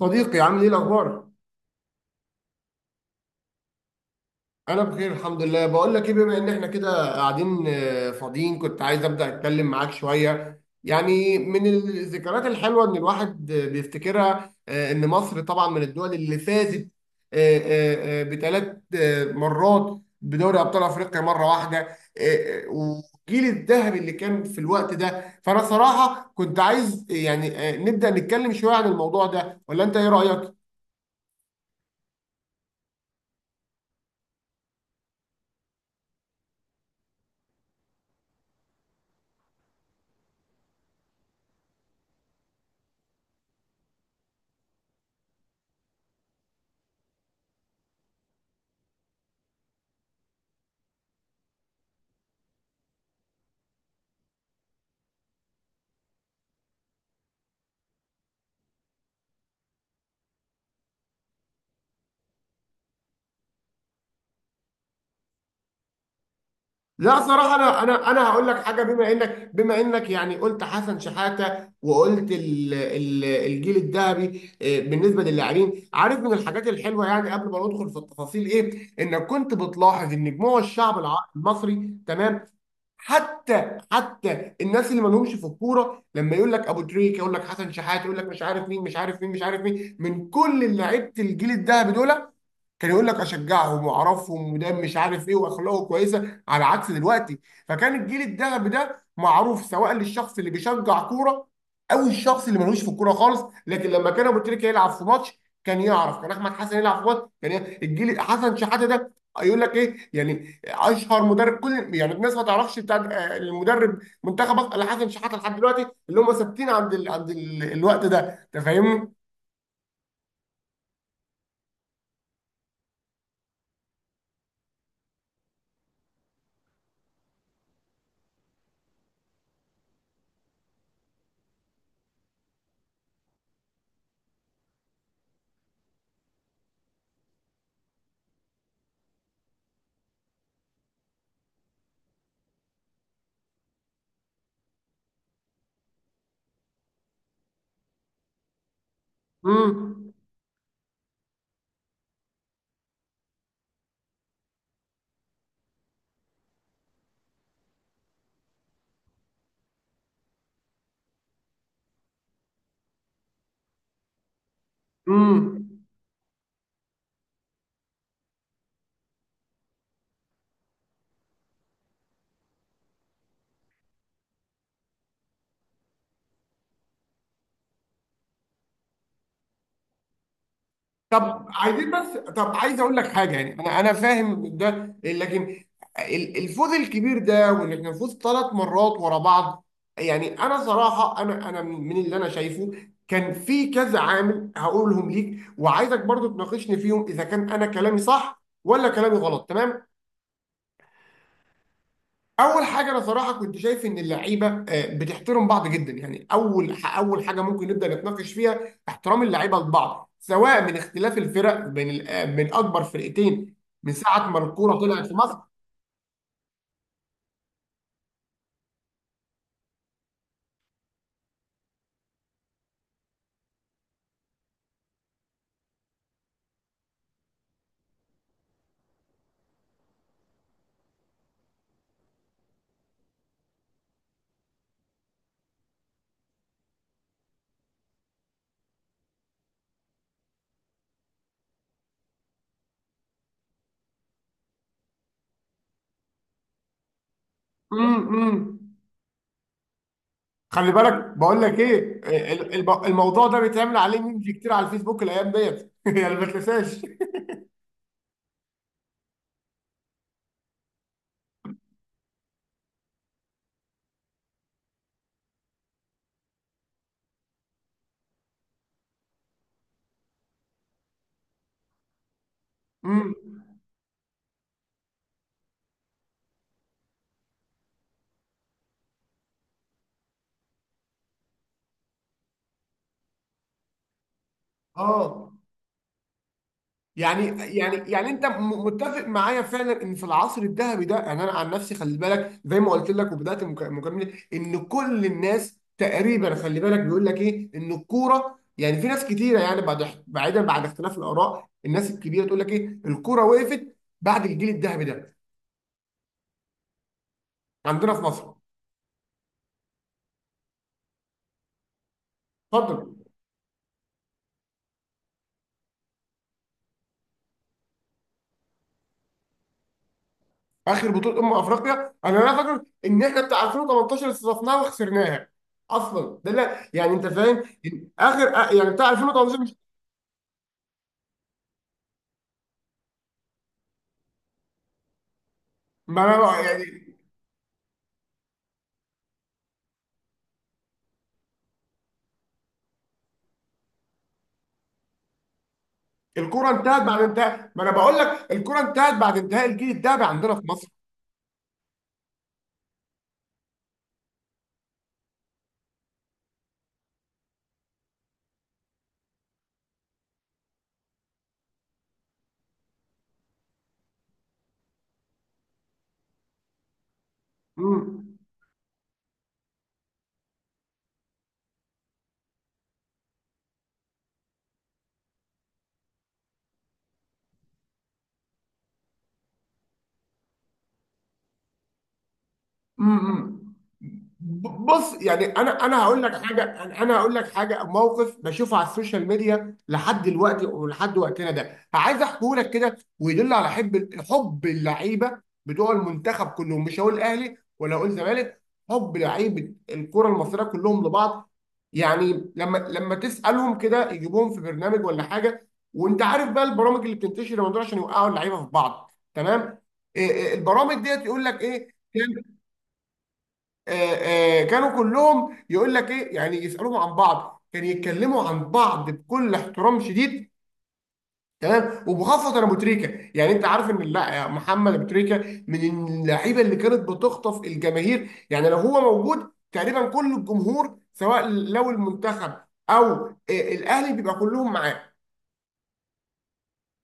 صديقي عامل ايه الاخبار؟ انا بخير الحمد لله. بقول لك ايه، بما ان احنا كده قاعدين فاضيين، كنت عايز ابدا اتكلم معاك شويه يعني من الذكريات الحلوه ان الواحد بيفتكرها. ان مصر طبعا من الدول اللي فازت بثلاث مرات بدوري ابطال افريقيا مره واحده، والجيل الذهبي اللي كان في الوقت ده. فانا صراحه كنت عايز نبدا نتكلم شويه عن الموضوع ده، ولا انت ايه رايك؟ لا صراحة، أنا هقول لك حاجة. بما إنك يعني قلت حسن شحاتة وقلت ال الجيل الذهبي، بالنسبة للاعبين، عارف من الحاجات الحلوة يعني قبل ما ندخل في التفاصيل إيه؟ إنك كنت بتلاحظ إن جموع الشعب المصري، تمام؟ حتى الناس اللي ما لهمش في الكورة لما يقول لك أبو تريكة، يقول لك حسن شحاتة، يقول لك مش عارف مين، مش عارف مين، مش عارف مين، من كل لعيبة الجيل الذهبي دول، كان يقول لك اشجعهم واعرفهم وده مش عارف ايه، واخلاقه كويسه على عكس دلوقتي. فكان الجيل الذهبي ده معروف سواء للشخص اللي بيشجع كوره او الشخص اللي ملوش في الكوره خالص. لكن لما كان ابو تريكه يلعب في ماتش كان يعرف، كان احمد حسن يلعب في ماتش كان الجيل حسن شحاته ده، يقول لك ايه يعني اشهر مدرب. كل يعني الناس ما تعرفش بتاع المدرب منتخب مصر الا حسن شحاته لحد دلوقتي، اللي هم ثابتين عند الوقت ده. انت فاهمني؟ امم، امم. طب عايزين بس، طب عايز اقول لك حاجه، يعني انا فاهم ده، لكن الفوز الكبير ده وان احنا نفوز ثلاث مرات ورا بعض، يعني انا صراحه انا من اللي انا شايفه، كان في كذا عامل هقولهم ليك وعايزك برضو تناقشني فيهم اذا كان انا كلامي صح ولا كلامي غلط، تمام؟ اول حاجه، انا صراحه كنت شايف ان اللعيبه بتحترم بعض جدا. يعني اول حاجه ممكن نبدا نتناقش فيها، احترام اللعيبه لبعض سواء من اختلاف الفرق بين من اكبر فرقتين من ساعه ما الكوره طلعت في مصر. امم. خلي بالك، بقول لك ايه، الموضوع ده بيتعمل عليه ميمز كتير على الفيسبوك الايام ديت يعني ما تنساش. امم. اه. يعني، يعني انت متفق معايا فعلا ان في العصر الذهبي ده، يعني انا عن نفسي خلي بالك زي ما قلت لك وبدات مكالمتي، ان كل الناس تقريبا خلي بالك بيقول لك ايه ان الكوره، يعني في ناس كتيره يعني بعد بعيدا بعد اختلاف الاراء، الناس الكبيره تقول لك ايه الكوره وقفت بعد الجيل الذهبي ده عندنا في مصر. اتفضل. اخر بطوله افريقيا انا لا فاكر ان احنا بتاع 2018 استضفناها وخسرناها اصلا ده، لا يعني انت فاهم، اخر يعني بتاع 2018. ما انا يعني الكوره انتهت بعد انتهاء، ما انا بقول لك الكوره انتهت بعد انتهاء الجيل الذهبي عندنا في مصر. امم، امم. بص يعني انا هقول لك حاجه، أنا هقول لك حاجه، موقف بشوفه على السوشيال ميديا لحد دلوقتي ولحد وقتنا ده، عايز احكيه لك كده ويدل على حب، حب اللعيبه بتوع المنتخب كلهم، مش هقول اهلي ولا هقول زمالك، حب لعيبه الكره المصريه كلهم لبعض. يعني لما تسالهم كده، يجيبوهم في برنامج ولا حاجه، وانت عارف بقى البرامج اللي بتنتشر لما دول عشان يوقعوا اللعيبه في بعض، تمام؟ إيه- إيه، البرامج ديت يقول لك ايه؟ كانوا كلهم يقول لك ايه، يعني يسالوهم عن بعض، كانوا يتكلموا عن بعض بكل احترام شديد، تمام. وبخاصه ابو تريكه، يعني انت عارف ان، لا، يا محمد ابو تريكه من اللعيبه اللي كانت بتخطف الجماهير، يعني لو هو موجود تقريبا كل الجمهور سواء لو المنتخب او الاهلي بيبقى كلهم معاه،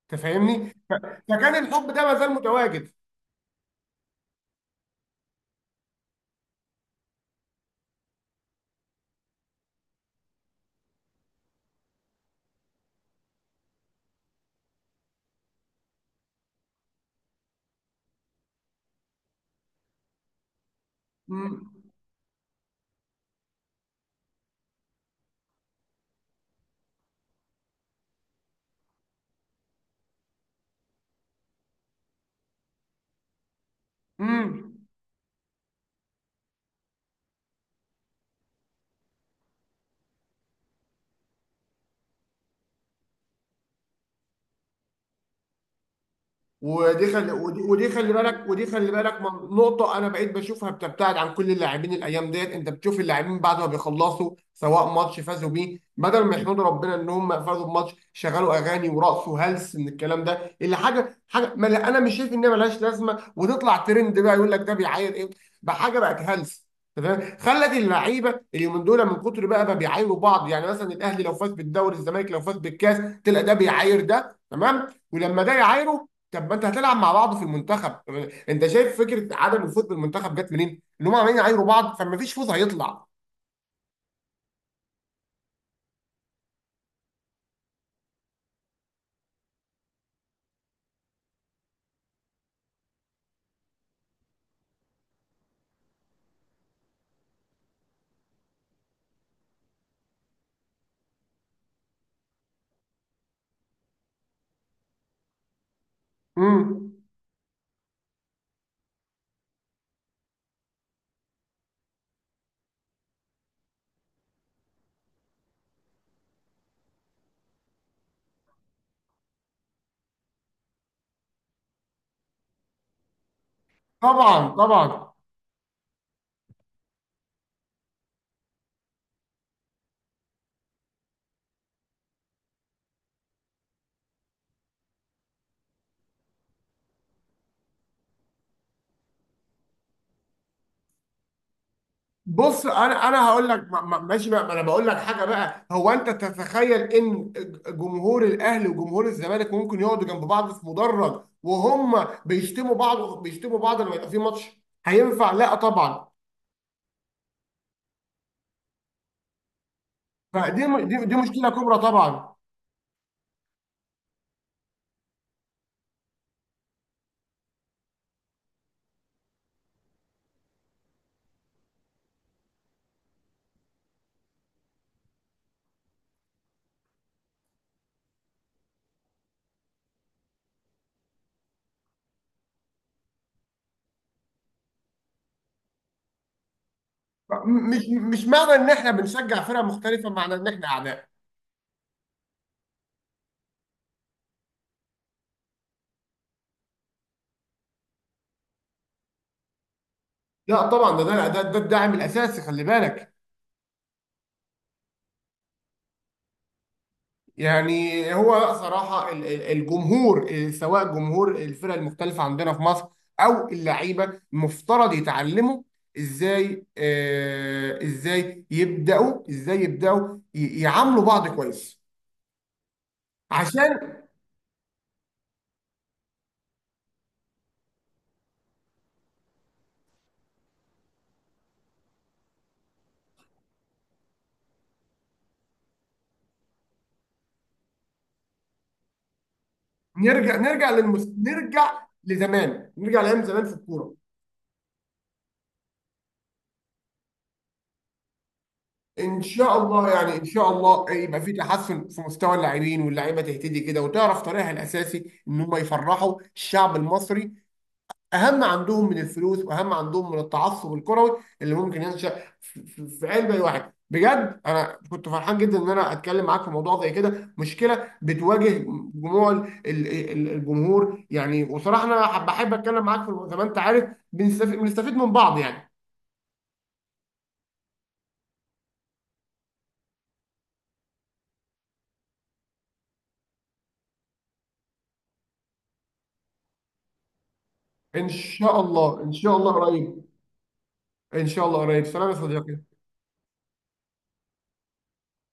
تفهمني؟ فكان الحب ده ما زال متواجد. امم. ودي خلي ودي, ودي خلي بالك ودي خلي بالك من- نقطة أنا بقيت بشوفها بتبتعد عن كل اللاعبين الأيام ديت، أنت بتشوف اللاعبين بعد ما بيخلصوا سواء ماتش فازوا بيه، بدل ما يحمدوا ربنا إن هم فازوا بماتش، شغلوا أغاني ورقصوا هلس من الكلام ده، اللي حاجة حاجة ما لا- أنا مش شايف إنها ملهاش لازمة، وتطلع ترند بقى يقول لك ده بيعاير إيه بحاجة بقت هلس، تمام؟ خلت اللعيبه اليومين دول من كتر بقى ما بيعايروا بعض. يعني مثلا الاهلي لو فاز بالدوري، الزمالك لو فاز بالكاس، تلاقي ده بيعاير ده، تمام؟ ولما ده يعايره، طب ما انت هتلعب مع بعض في المنتخب. انت شايف فكره عدم الفوز بالمنتخب جت منين؟ اللي هم عمالين يعايروا بعض، فما فيش فوز هيطلع. امم. طبعا، طبعا. بص، انا هقول لك، ماشي بقى، ما انا بقول لك حاجه بقى، هو انت تتخيل ان جمهور الاهلي وجمهور الزمالك ممكن يقعدوا جنب بعض في مدرج وهم بيشتموا بعض، بيشتموا بعض لما يبقى في ماتش، هينفع؟ لا طبعا. فدي م- دي دي مشكله كبرى طبعا. مش معنى ان احنا بنشجع فرق مختلفه معنى ان احنا اعداء. لا طبعا، ده الدعم الاساسي، خلي بالك. يعني هو، لا صراحه، الجمهور سواء جمهور الفرق المختلفه عندنا في مصر او اللعيبه، مفترض يتعلموا ازاي، ازاي يبداوا، يعاملوا بعض كويس، عشان نرجع، نرجع لزمان، نرجع لايام زمان في الكوره. ان شاء الله، يعني ان شاء الله يبقى في تحسن في مستوى اللاعبين، واللعيبه تهتدي كده وتعرف طريقها الاساسي ان هم يفرحوا الشعب المصري، اهم عندهم من الفلوس واهم عندهم من التعصب الكروي اللي ممكن ينشا في قلب اي واحد. بجد انا كنت فرحان جدا ان انا اتكلم معاك في موضوع زي كده، مشكله بتواجه جموع الجمهور يعني. وصراحه انا بحب اتكلم معاك، في زي ما انت عارف بنستفيد من بعض يعني. ان شاء الله، ان شاء الله قريب، ان شاء الله قريب. سلام يا صديقي.